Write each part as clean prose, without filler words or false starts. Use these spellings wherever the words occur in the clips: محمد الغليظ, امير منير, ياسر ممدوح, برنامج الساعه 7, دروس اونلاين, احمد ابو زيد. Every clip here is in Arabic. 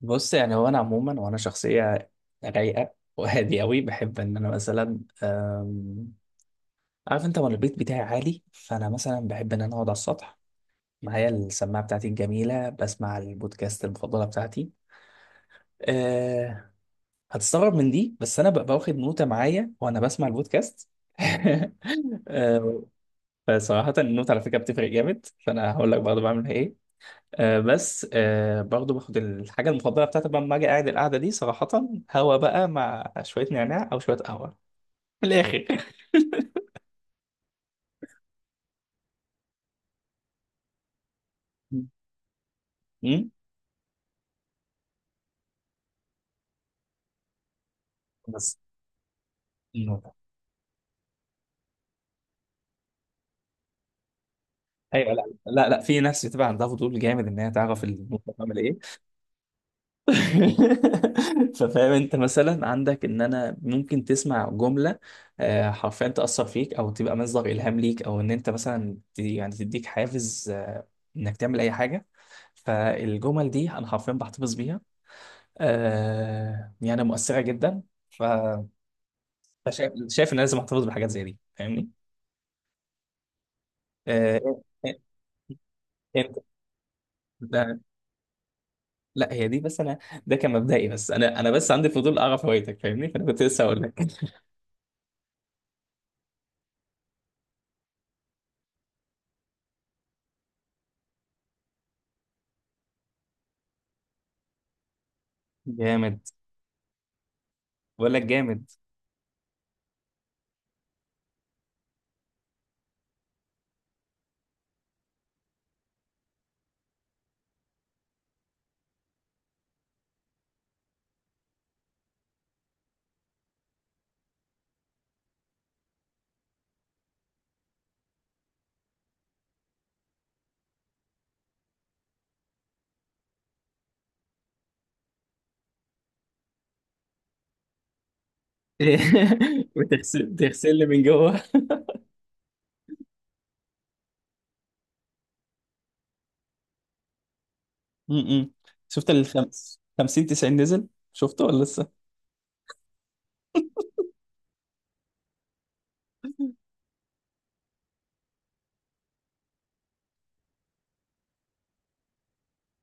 بص يعني هو انا عموما وانا شخصيه رايقه وهادي قوي، بحب ان انا مثلا عارف انت، وانا البيت بتاعي عالي، فانا مثلا بحب ان انا اقعد على السطح معايا السماعه بتاعتي الجميله، بسمع البودكاست المفضله بتاعتي. أه، هتستغرب من دي بس انا ببقى واخد نوته معايا وانا بسمع البودكاست. أه، فصراحه النوت على فكره بتفرق جامد، فانا هقول لك برضه بعمل ايه. آه بس آه برضو باخد الحاجة المفضلة بتاعتي بقى لما أجي قاعد القعدة دي صراحة، هوا بقى مع شوية نعناع أو شوية قهوة. من الآخر. أمم، بس النوتة. أيوة لا لا لا، في ناس بتبقى عندها فضول جامد إن هي تعرف النوتة بتعمل إيه. ففاهم أنت، مثلا عندك إن أنا ممكن تسمع جملة آه، حرفيا تأثر فيك أو تبقى مصدر إلهام ليك، أو إن أنت مثلا يعني تديك حافز إنك تعمل أي حاجة. فالجمل دي أنا حرفيا بحتفظ بيها، آه يعني مؤثرة جدا. ف- فشايف ان أنا لازم احتفظ بحاجات زي دي فاهمني. آه. انت، لا, لا هي دي بس انا، ده كان مبدئي، بس انا بس عندي فضول اعرف هوايتك فاهمني، فانا كنت لسه هقول لك. جامد، بقول لك جامد. بتغسل تغسل لي من جوه. م- م. شفت الخمس 50 90 نزل؟ شفته ولا لسه؟ م-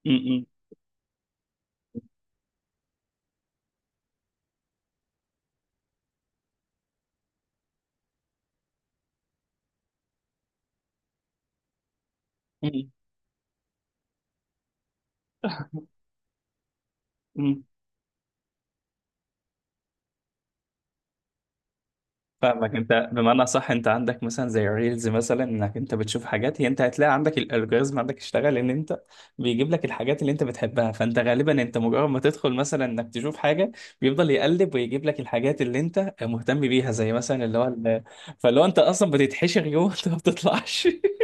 م. م- م. فاهمك، انت بمعنى صح انت عندك مثلا زي ريلز مثلا، انك انت بتشوف حاجات، هي انت هتلاقي عندك الالجوريزم عندك اشتغل ان انت بيجيب لك الحاجات اللي انت بتحبها، فانت غالبا انت مجرد ما تدخل مثلا انك تشوف حاجه بيفضل يقلب ويجيب لك الحاجات اللي انت مهتم بيها، زي مثلا اللي هو ال-، فاللي هو انت اصلا بتتحشر جوه. انت ما بتطلعش.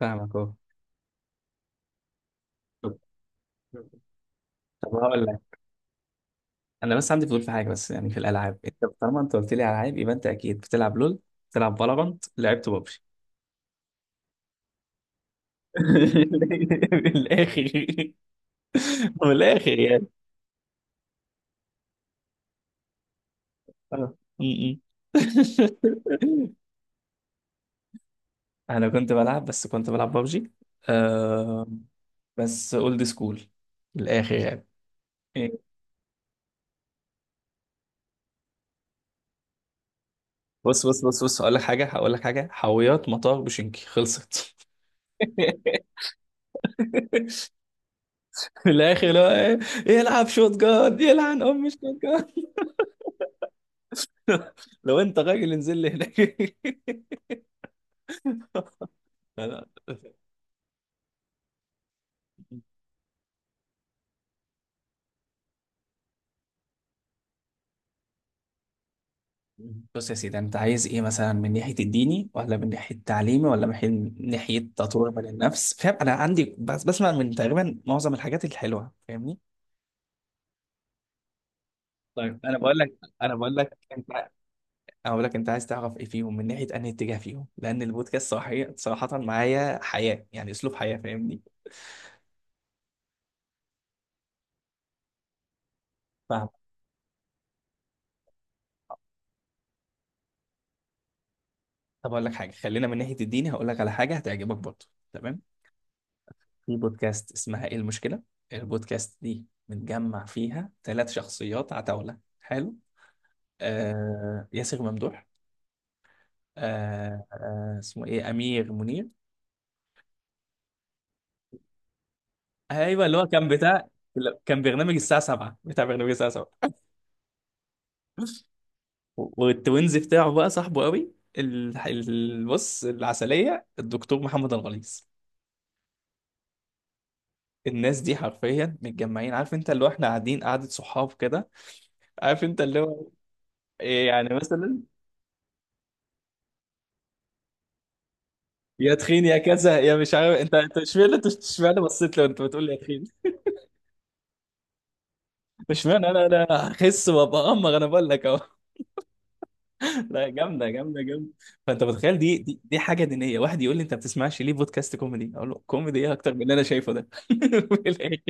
فاهمك اهو. طب، طب هقول لك. انا بس عندي فضول في حاجه بس، يعني في الالعاب، انت طالما انت قلت لي على العاب يبقى انت اكيد بتلعب لول، بتلعب فالورانت، لعبت ببجي. من الاخر، من الاخر يعني. آه. م- م. انا كنت بلعب، بس كنت بلعب ببجي آه، بس اولد سكول، من الاخر يعني. إيه. بص بص بص بص، هقول لك حاجه، هقول لك حاجه، حاويات مطار بوشنكي خلصت. في الاخر لو إيه، يلعب شوت جارد، يلعن ام شوت جارد. لو انت راجل انزل لي هناك. لا. لا. بص يا سيدي، انت عايز ايه مثلا؟ من ناحيه الديني، ولا من ناحيه تعليمي، ولا من ناحيه تطوير من النفس فاهم؟ انا عندي بس بسمع من تقريبا معظم الحاجات الحلوه فاهمني. طيب انا بقول لك، انا بقول لك انت، انا بقول لك انت عايز تعرف ايه فيهم، من ناحيه انهي اتجاه فيهم، لان البودكاست صراحه صراحه معايا حياه، يعني اسلوب حياه فاهمني. فاهم. طب اقول لك حاجه، خلينا من ناحيه الديني، هقول لك على حاجه هتعجبك برضه. تمام. في بودكاست اسمها ايه المشكله، البودكاست دي بنجمع فيها ثلاث شخصيات عتاوله حلو، آه ياسر ممدوح، آه آه اسمه ايه امير منير، ايوه اللي هو كان بتاع، كان برنامج الساعه 7، بتاع برنامج الساعه 7، والتوينز بتاعه بقى صاحبه قوي ال- ال-، بص العسليه الدكتور محمد الغليظ. الناس دي حرفيا متجمعين عارف انت، اللي هو احنا قاعدين قعده صحاب كده عارف انت، اللي هو إيه يعني مثلا، يا تخين يا كذا يا مش عارف، انت انت اشمعنى، انت اشمعنى بصيت لو انت بتقول لي يا تخين؟ اشمعنى انا هخس وابقى امر؟ انا بقول لك اهو، لا جامده جامده جامده. فانت متخيل؟ دي دي حاجه دينيه، واحد يقول لي انت ما بتسمعش ليه بودكاست كوميدي؟ اقول له كوميدي ايه اكتر من اللي انا شايفه ده؟ في الآخر.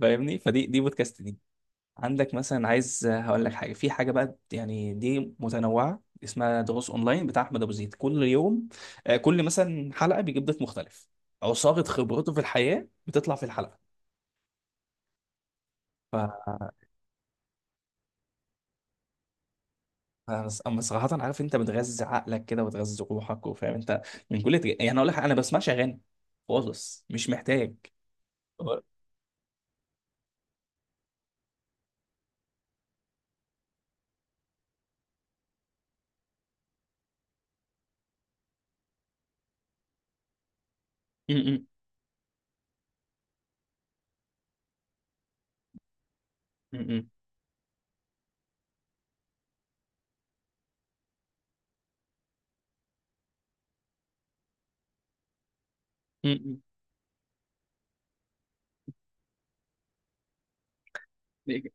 فاهمني، فدي بودكاست دي. عندك مثلا، عايز هقول لك حاجه في حاجه بقى، يعني دي متنوعه، اسمها دروس اونلاين بتاع احمد ابو زيد، كل يوم آه، كل مثلا حلقه بيجيب ضيف مختلف، عصاره خبرته في الحياه بتطلع في الحلقه. انا أما صراحه، عارف انت بتغذي عقلك كده وتغذي روحك وفاهم انت من كل تج...، يعني اقول لك حاجة، انا بسمعش اغاني خالص، مش محتاج. هو- م- م- م- م- م-،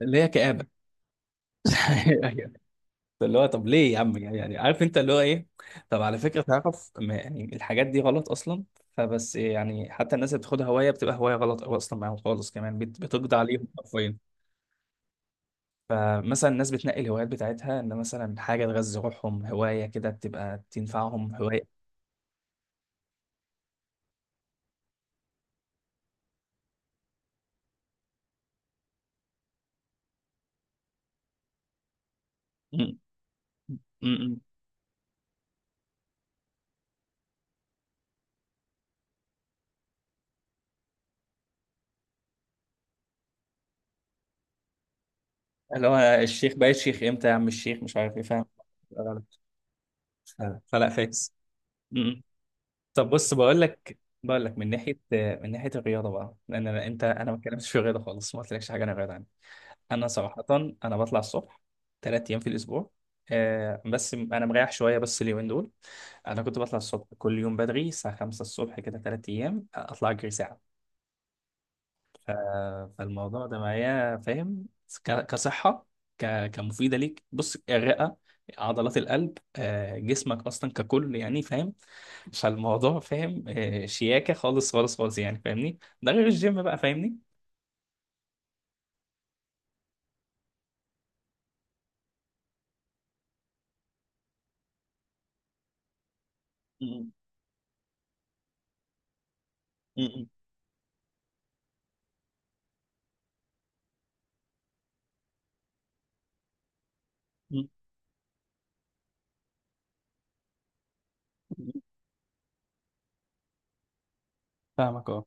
اللي هي كآبة. أيوة. اللي هو طب ليه يا عم؟ يعني عارف انت اللي هو ايه، طب على فكره تعرف يعني الحاجات دي غلط اصلا، فبس إيه، يعني حتى الناس اللي بتاخدها هوايه بتبقى هوايه غلط، او اصلا معاهم خالص كمان بتقضي عليهم حرفيا. فمثلا الناس بتنقي الهوايات بتاعتها ان مثلا حاجه تغذي روحهم، هوايه كده بتبقى تنفعهم هوايه. م-م. اللي هو الشيخ، بقيت شيخ امتى يا عم الشيخ؟ مش عارف ايه فاهم؟ غلط. ف- فلا فاكس. م-م. طب بص، بقول لك من ناحيه الرياضه بقى، لان انت، انا ما اتكلمتش في الرياضه خالص، ما قلتلكش حاجه عن الرياضه عني. انا صراحه، انا بطلع الصبح ثلاث ايام في الاسبوع، آه بس انا مريح شويه بس اليومين دول، انا كنت بطلع الصبح كل يوم بدري الساعه 5 الصبح كده، ثلاث ايام اطلع اجري ساعه. ف- فالموضوع ده معايا فاهم، كصحة، كمفيدة ليك، بص الرئة، عضلات القلب آه، جسمك أصلا ككل يعني فاهم، فالموضوع فاهم آه، شياكة خالص خالص خالص، يعني فاهمني، ده غير الجيم بقى فاهمني. م- م- م- م-. فاهمك اه.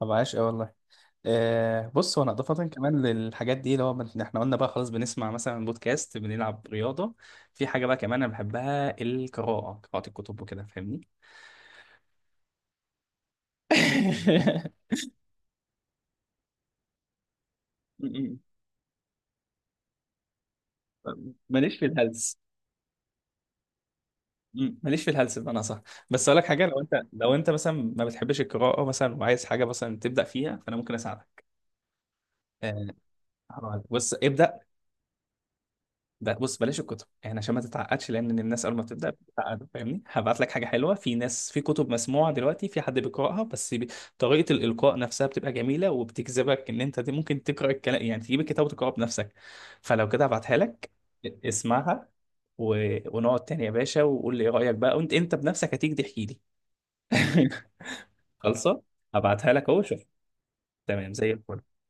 طب عاش أوي والله. آه بص، هو انا اضافه كمان للحاجات دي اللي هو احنا قلنا بقى خلاص بنسمع مثلا بودكاست، بنلعب رياضه، في حاجه بقى كمان انا بحبها، القراءه، قراءه الكتب وكده فاهمني. م- م. ماليش في الهلس، م- ماليش في الهلس بمعنى صح. بس اقول لك حاجه، لو انت لو انت مثلا ما بتحبش القراءه مثلا وعايز حاجه مثلا تبدا فيها، فانا ممكن اساعدك. آه، هقول لك. بص ابدا، ده بص بلاش الكتب، يعني عشان ما تتعقدش، لان الناس اول ما بتبدا بتتعقد فاهمني، هبعت لك حاجه حلوه، في ناس في كتب مسموعه دلوقتي، في حد بيقراها بس طريقه الالقاء نفسها بتبقى جميله وبتجذبك ان انت دي ممكن تقرا الكلام، يعني تجيب الكتاب وتقراه بنفسك. فلو كده هبعتها لك، اسمعها، ونقعد تاني يا باشا وقول لي ايه رايك بقى، وانت انت بنفسك هتيجي تحكي لي. خلصه، هبعتها لك اهو شوف. تمام زي الفل.